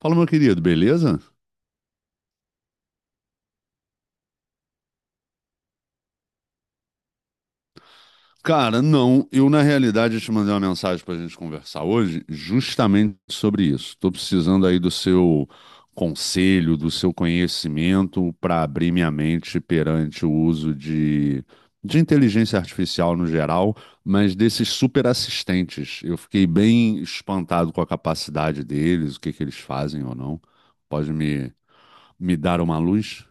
Fala, meu querido, beleza? Cara, não, eu na realidade te mandei uma mensagem pra gente conversar hoje justamente sobre isso. Tô precisando aí do seu conselho, do seu conhecimento para abrir minha mente perante o uso de inteligência artificial no geral, mas desses super assistentes. Eu fiquei bem espantado com a capacidade deles, o que que eles fazem ou não. Pode me dar uma luz?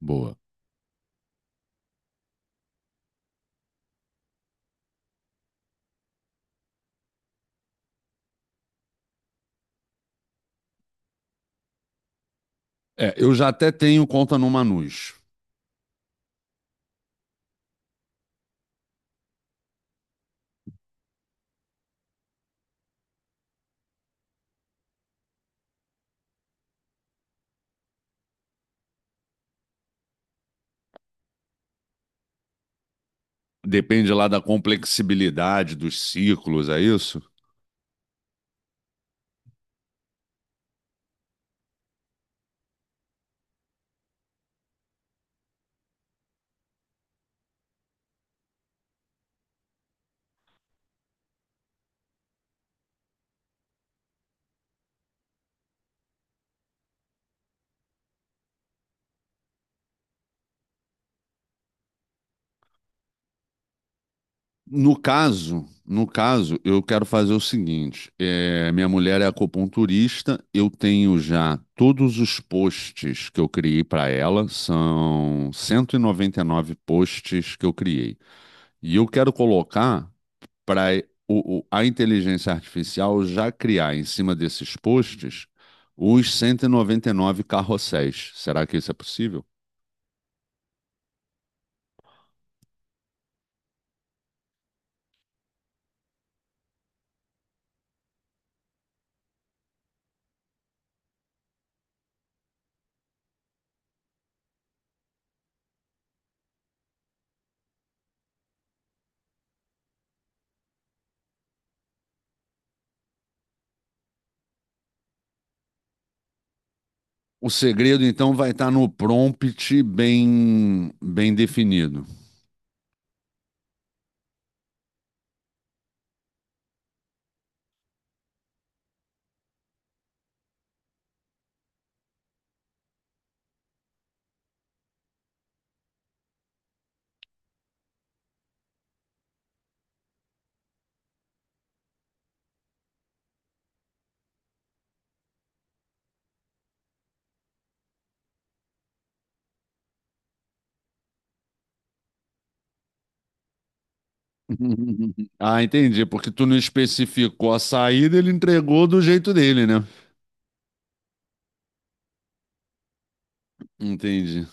Boa. É, eu já até tenho conta no Manus. Depende lá da complexibilidade dos ciclos, é isso? No caso, eu quero fazer o seguinte: é, minha mulher é acupunturista, eu tenho já todos os posts que eu criei para ela, são cento e noventa e nove posts que eu criei. E eu quero colocar para a inteligência artificial já criar em cima desses posts os cento e noventa e nove carrosséis. Será que isso é possível? O segredo, então, vai estar no prompt bem, bem definido. Ah, entendi. Porque tu não especificou a saída, ele entregou do jeito dele, né? Entendi.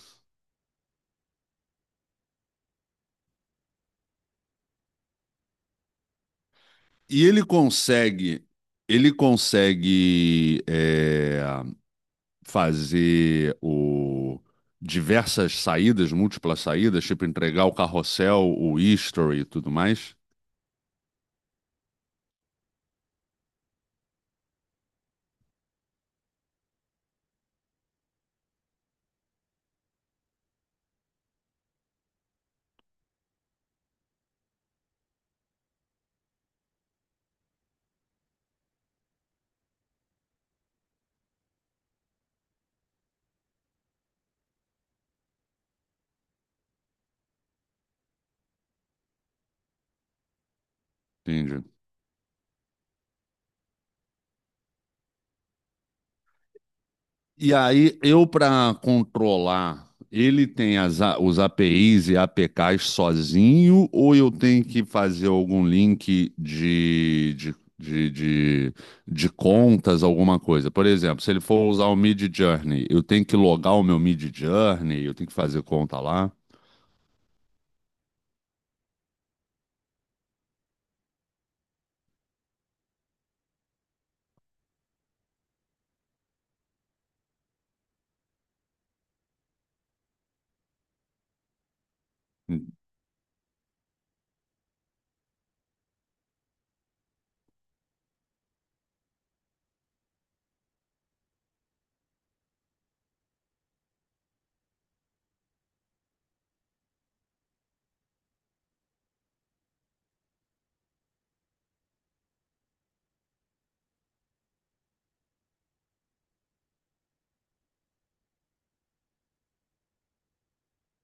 E ele consegue é, fazer o diversas saídas, múltiplas saídas, tipo entregar o carrossel, o history e tudo mais. Entendi. E aí, eu para controlar, ele tem as os APIs e APKs sozinho, ou eu tenho que fazer algum link de, de contas, alguma coisa? Por exemplo, se ele for usar o Mid Journey, eu tenho que logar o meu Mid Journey, eu tenho que fazer conta lá.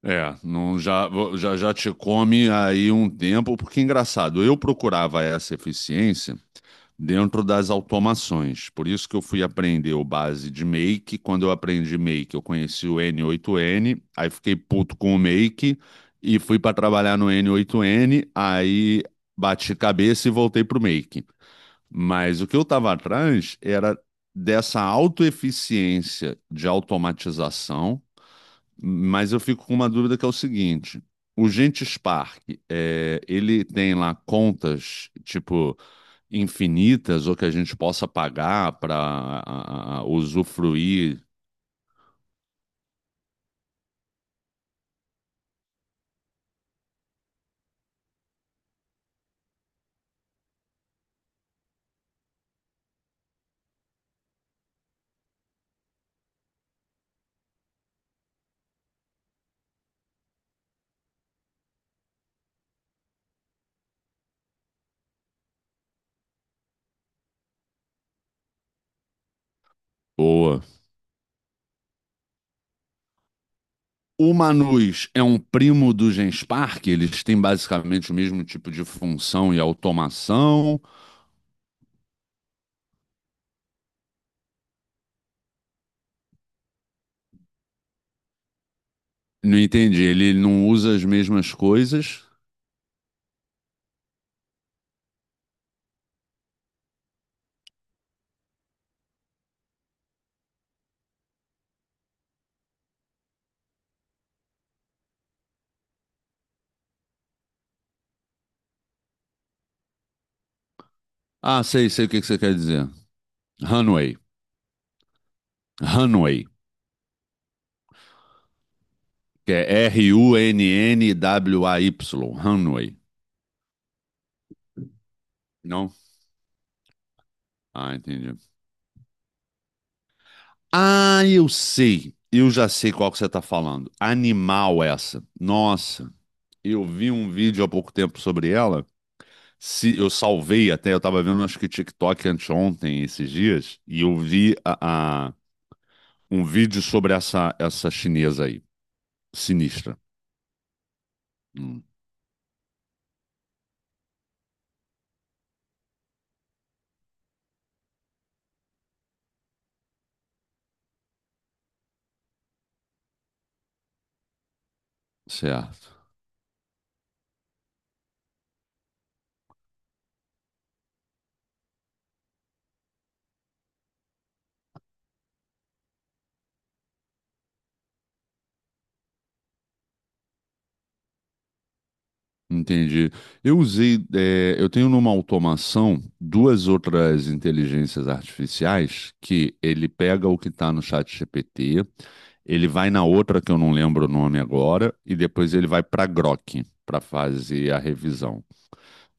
É, não, já te come aí um tempo, porque é engraçado, eu procurava essa eficiência dentro das automações. Por isso que eu fui aprender o base de Make. Quando eu aprendi Make, eu conheci o N8N, aí fiquei puto com o Make e fui para trabalhar no N8N, aí bati cabeça e voltei pro Make. Mas o que eu estava atrás era dessa autoeficiência de automatização, mas eu fico com uma dúvida que é o seguinte: o Gente Spark, é, ele tem lá contas, tipo, infinitas ou que a gente possa pagar para usufruir? Boa. O Manus é um primo do Genspark? Eles têm basicamente o mesmo tipo de função e automação? Não entendi. Ele não usa as mesmas coisas? Ah, sei, sei o que que você quer dizer. Runway. Runway. Que é R-U-N-N-W-A-Y, Runway. Não? Ah, entendi. Ah, eu sei. Eu já sei qual que você está falando. Animal essa. Nossa, eu vi um vídeo há pouco tempo sobre ela. Se, eu salvei até, eu estava vendo acho que TikTok anteontem, esses dias, e eu vi um vídeo sobre essa, essa chinesa aí. Sinistra. Hum, certo. Entendi. Eu usei, eu tenho numa automação duas outras inteligências artificiais que ele pega o que está no chat GPT, ele vai na outra que eu não lembro o nome agora, e depois ele vai para Grok para fazer a revisão.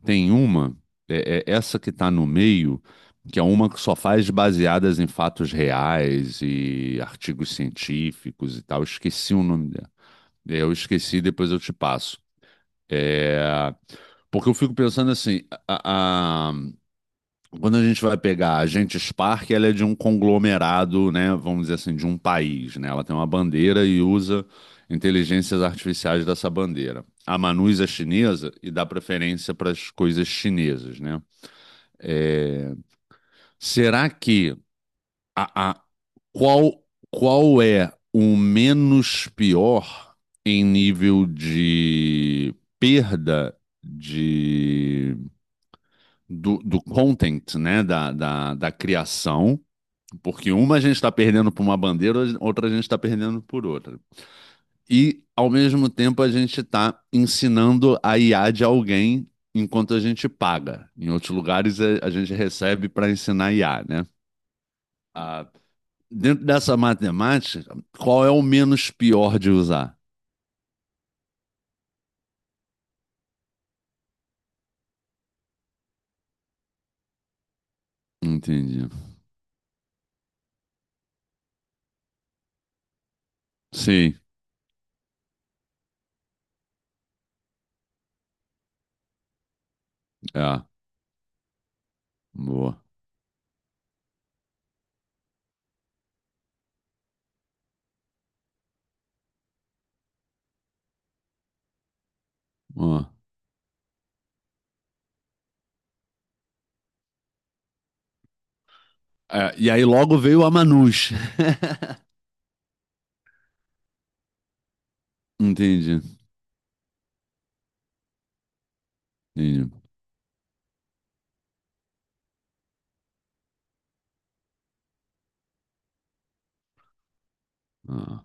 Tem uma, é essa que está no meio, que é uma que só faz baseadas em fatos reais e artigos científicos e tal. Eu esqueci o nome dela. Eu esqueci, depois eu te passo. É. Porque eu fico pensando assim, a- a- quando a gente vai pegar a Agente Spark, ela é de um conglomerado, né, vamos dizer assim, de um país, né? Ela tem uma bandeira e usa inteligências artificiais dessa bandeira. A Manus é chinesa e dá preferência para as coisas chinesas, né? É, será que a, a- qual qual é o menos pior em nível de perda de do content, né? Da criação, porque uma a gente está perdendo por uma bandeira, outra a gente está perdendo por outra. E, ao mesmo tempo, a gente está ensinando a IA de alguém enquanto a gente paga. Em outros lugares, é, a, gente recebe para ensinar IA, né? Ah, dentro dessa matemática, qual é o menos pior de usar? Entendi. Sim, é. Boa. Ó. É, e aí logo veio a Manus. Entendi, entendi. Ah,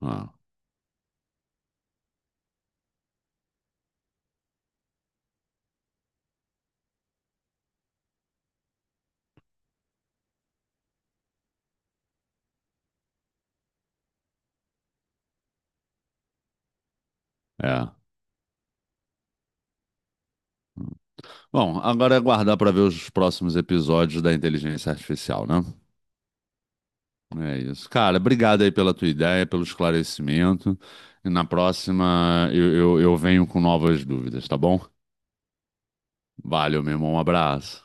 ah, é. Bom, agora é aguardar para ver os próximos episódios da inteligência artificial, né? É isso. Cara, obrigado aí pela tua ideia, pelo esclarecimento. E na próxima eu venho com novas dúvidas, tá bom? Valeu, meu irmão. Um abraço.